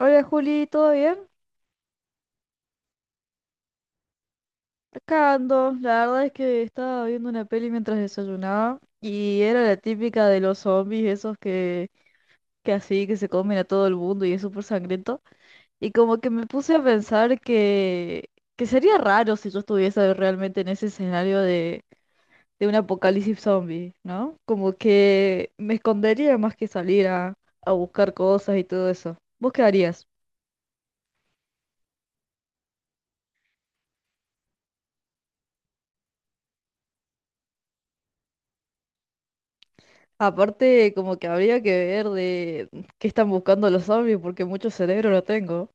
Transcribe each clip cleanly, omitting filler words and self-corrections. Hola Juli, ¿todo bien? Acá ando. La verdad es que estaba viendo una peli mientras desayunaba y era la típica de los zombies, esos que se comen a todo el mundo y es súper sangriento. Y como que me puse a pensar que sería raro si yo estuviese realmente en ese escenario de un apocalipsis zombie, ¿no? Como que me escondería más que salir a buscar cosas y todo eso. ¿Vos qué harías? Aparte, como que habría que ver de qué están buscando los zombies, porque mucho cerebro no tengo.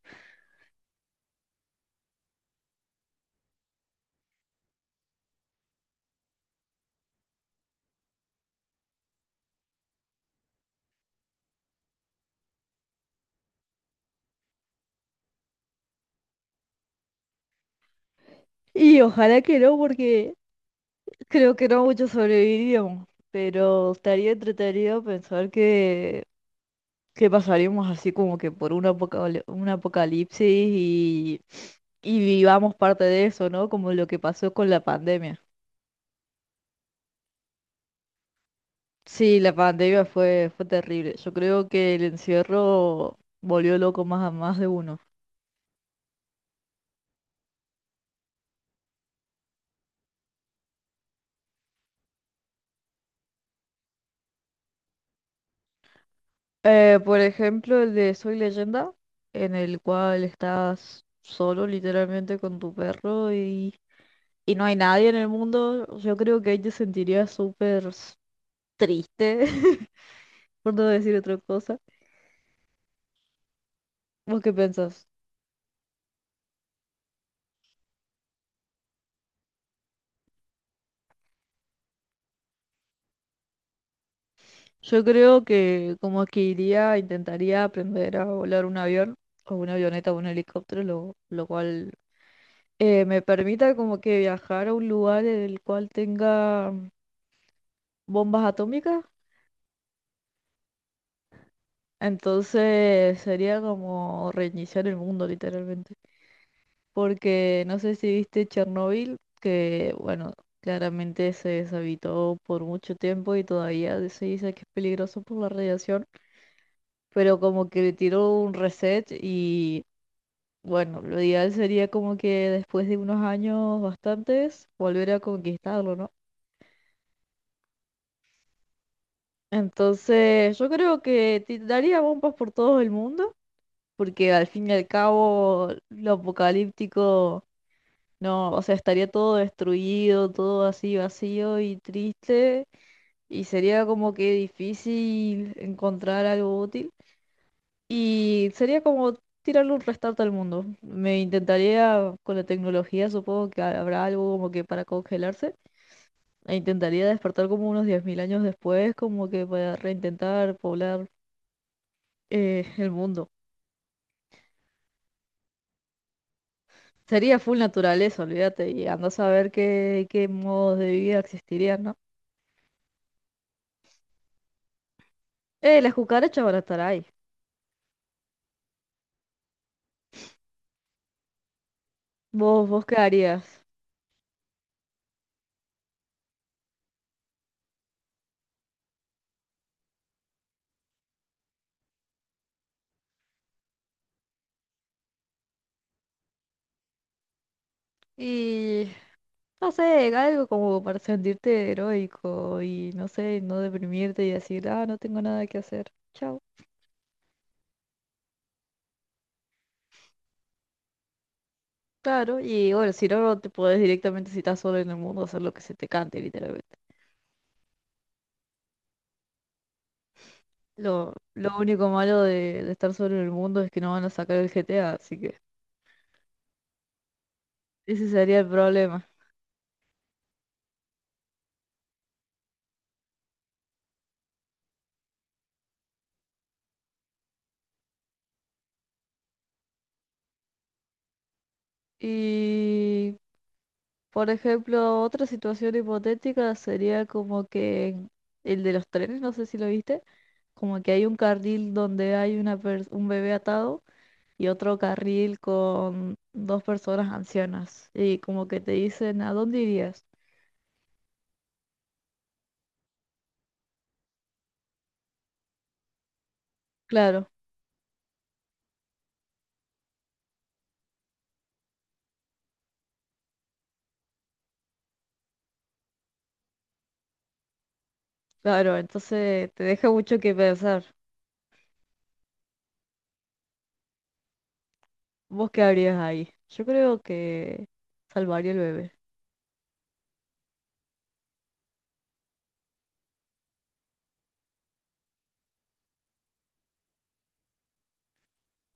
Y ojalá que no, porque creo que no muchos sobreviviríamos. Pero estaría entretenido pensar que pasaríamos así como que por un un apocalipsis y vivamos parte de eso, ¿no? Como lo que pasó con la pandemia. Sí, la pandemia fue terrible. Yo creo que el encierro volvió loco más a más de uno. Por ejemplo, el de Soy Leyenda, en el cual estás solo literalmente con tu perro y no hay nadie en el mundo, yo creo que ahí te sentirías triste, por no decir otra cosa. ¿Vos qué pensás? Yo creo que como que iría, intentaría aprender a volar un avión o una avioneta o un helicóptero, lo cual me permita como que viajar a un lugar en el cual tenga bombas atómicas. Entonces sería como reiniciar el mundo literalmente. Porque no sé si viste Chernobyl, que bueno, claramente se deshabitó por mucho tiempo y todavía se dice que es peligroso por la radiación, pero como que le tiró un reset y bueno, lo ideal sería como que después de unos años bastantes volver a conquistarlo, ¿no? Entonces yo creo que daría bombas por todo el mundo, porque al fin y al cabo lo apocalíptico. No, o sea, estaría todo destruido, todo así vacío y triste, y sería como que difícil encontrar algo útil, y sería como tirarle un restart al mundo. Me intentaría, con la tecnología supongo que habrá algo como que para congelarse, e intentaría despertar como unos 10.000 años después, como que para reintentar poblar el mundo. Sería full naturaleza, olvídate, y anda a saber qué modos de vida existirían, ¿no? Las cucarachas van a estar ahí. ¿Vos qué harías? Y no sé, algo como para sentirte heroico y no sé, no deprimirte y decir, ah, no tengo nada que hacer. Chao. Claro, y bueno, si no, no te podés directamente, si estás solo en el mundo, hacer lo que se te cante, literalmente. Lo único malo de estar solo en el mundo es que no van a sacar el GTA, así que ese sería el problema. Y por ejemplo, otra situación hipotética sería como que el de los trenes, no sé si lo viste, como que hay un carril donde hay una un bebé atado y otro carril con dos personas ancianas y como que te dicen, ¿a dónde irías? Claro, claro, entonces te deja mucho que pensar. ¿Vos qué harías ahí? Yo creo que salvaría al bebé.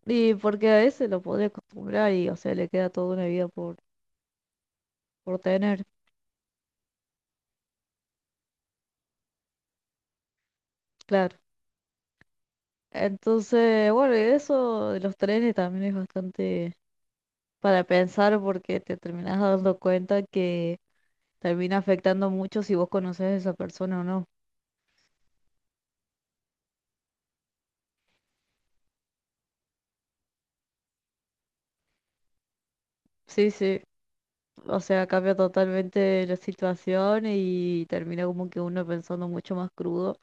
Y porque a ese lo podría acostumbrar y, o sea, le queda toda una vida por tener. Claro. Entonces, bueno, y eso de los trenes también es bastante para pensar porque te terminas dando cuenta que termina afectando mucho si vos conoces a esa persona o no. Sí, sí. O sea, cambia totalmente la situación y termina como que uno pensando mucho más crudo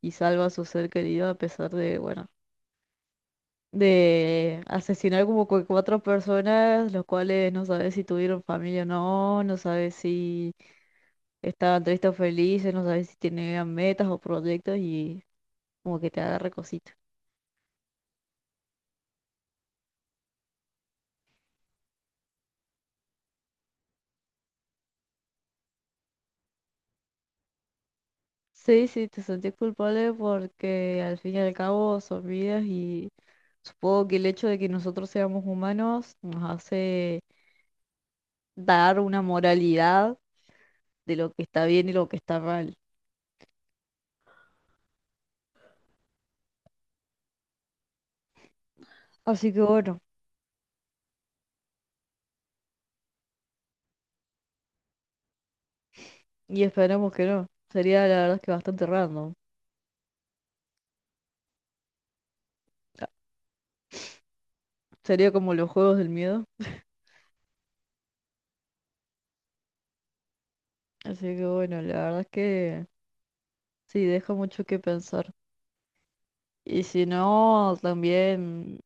y salva a su ser querido a pesar de, bueno, de asesinar como cuatro personas, los cuales no sabes si tuvieron familia o no, no sabes si estaban tristes o felices, no sabes si tenían metas o proyectos y como que te agarra cosita. Sí, sí, te sentís culpable porque al fin y al cabo son vidas y supongo que el hecho de que nosotros seamos humanos nos hace dar una moralidad de lo que está bien y lo que está mal. Así que bueno, y esperemos que no. Sería la verdad es que bastante random. Ah, sería como los juegos del miedo. Así que bueno, la verdad es que sí, deja mucho que pensar. Y si no, también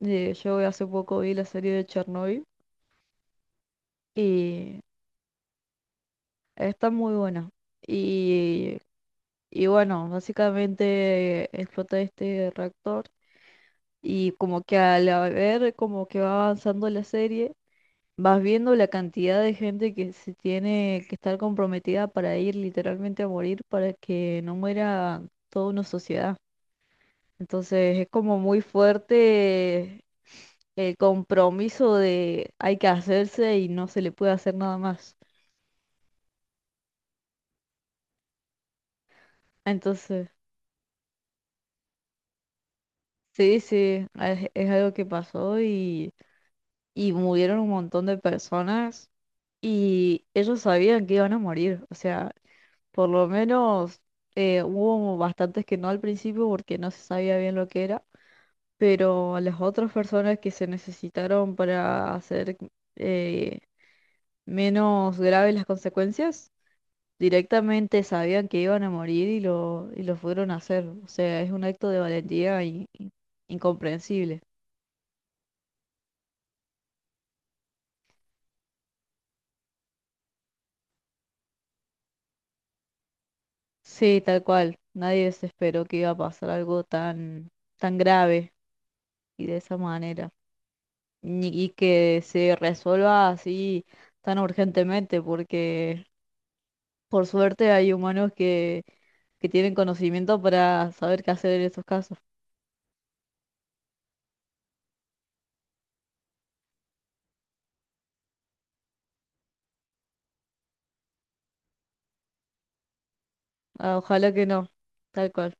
yo hace poco vi la serie de Chernobyl y está muy buena. Y, y bueno, básicamente explota este reactor y como que al ver como que va avanzando la serie, vas viendo la cantidad de gente que se tiene que estar comprometida para ir literalmente a morir para que no muera toda una sociedad. Entonces es como muy fuerte el compromiso de hay que hacerse y no se le puede hacer nada más. Entonces, sí, sí, es algo que pasó y murieron un montón de personas y ellos sabían que iban a morir. O sea, por lo menos hubo bastantes que no al principio porque no se sabía bien lo que era, pero a las otras personas que se necesitaron para hacer eh, menos graves las consecuencias. Directamente sabían que iban a morir y lo fueron a hacer. O sea, es un acto de valentía incomprensible. Sí, tal cual. Nadie se esperó que iba a pasar algo tan grave y de esa manera. Y que se resuelva así tan urgentemente, porque por suerte hay humanos que tienen conocimiento para saber qué hacer en estos casos. Ah, ojalá que no. Tal cual.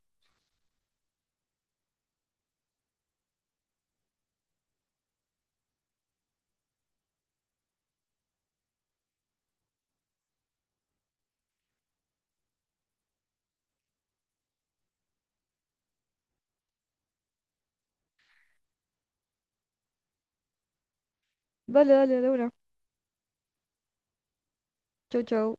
Vale, dale, de una. Chau, chau.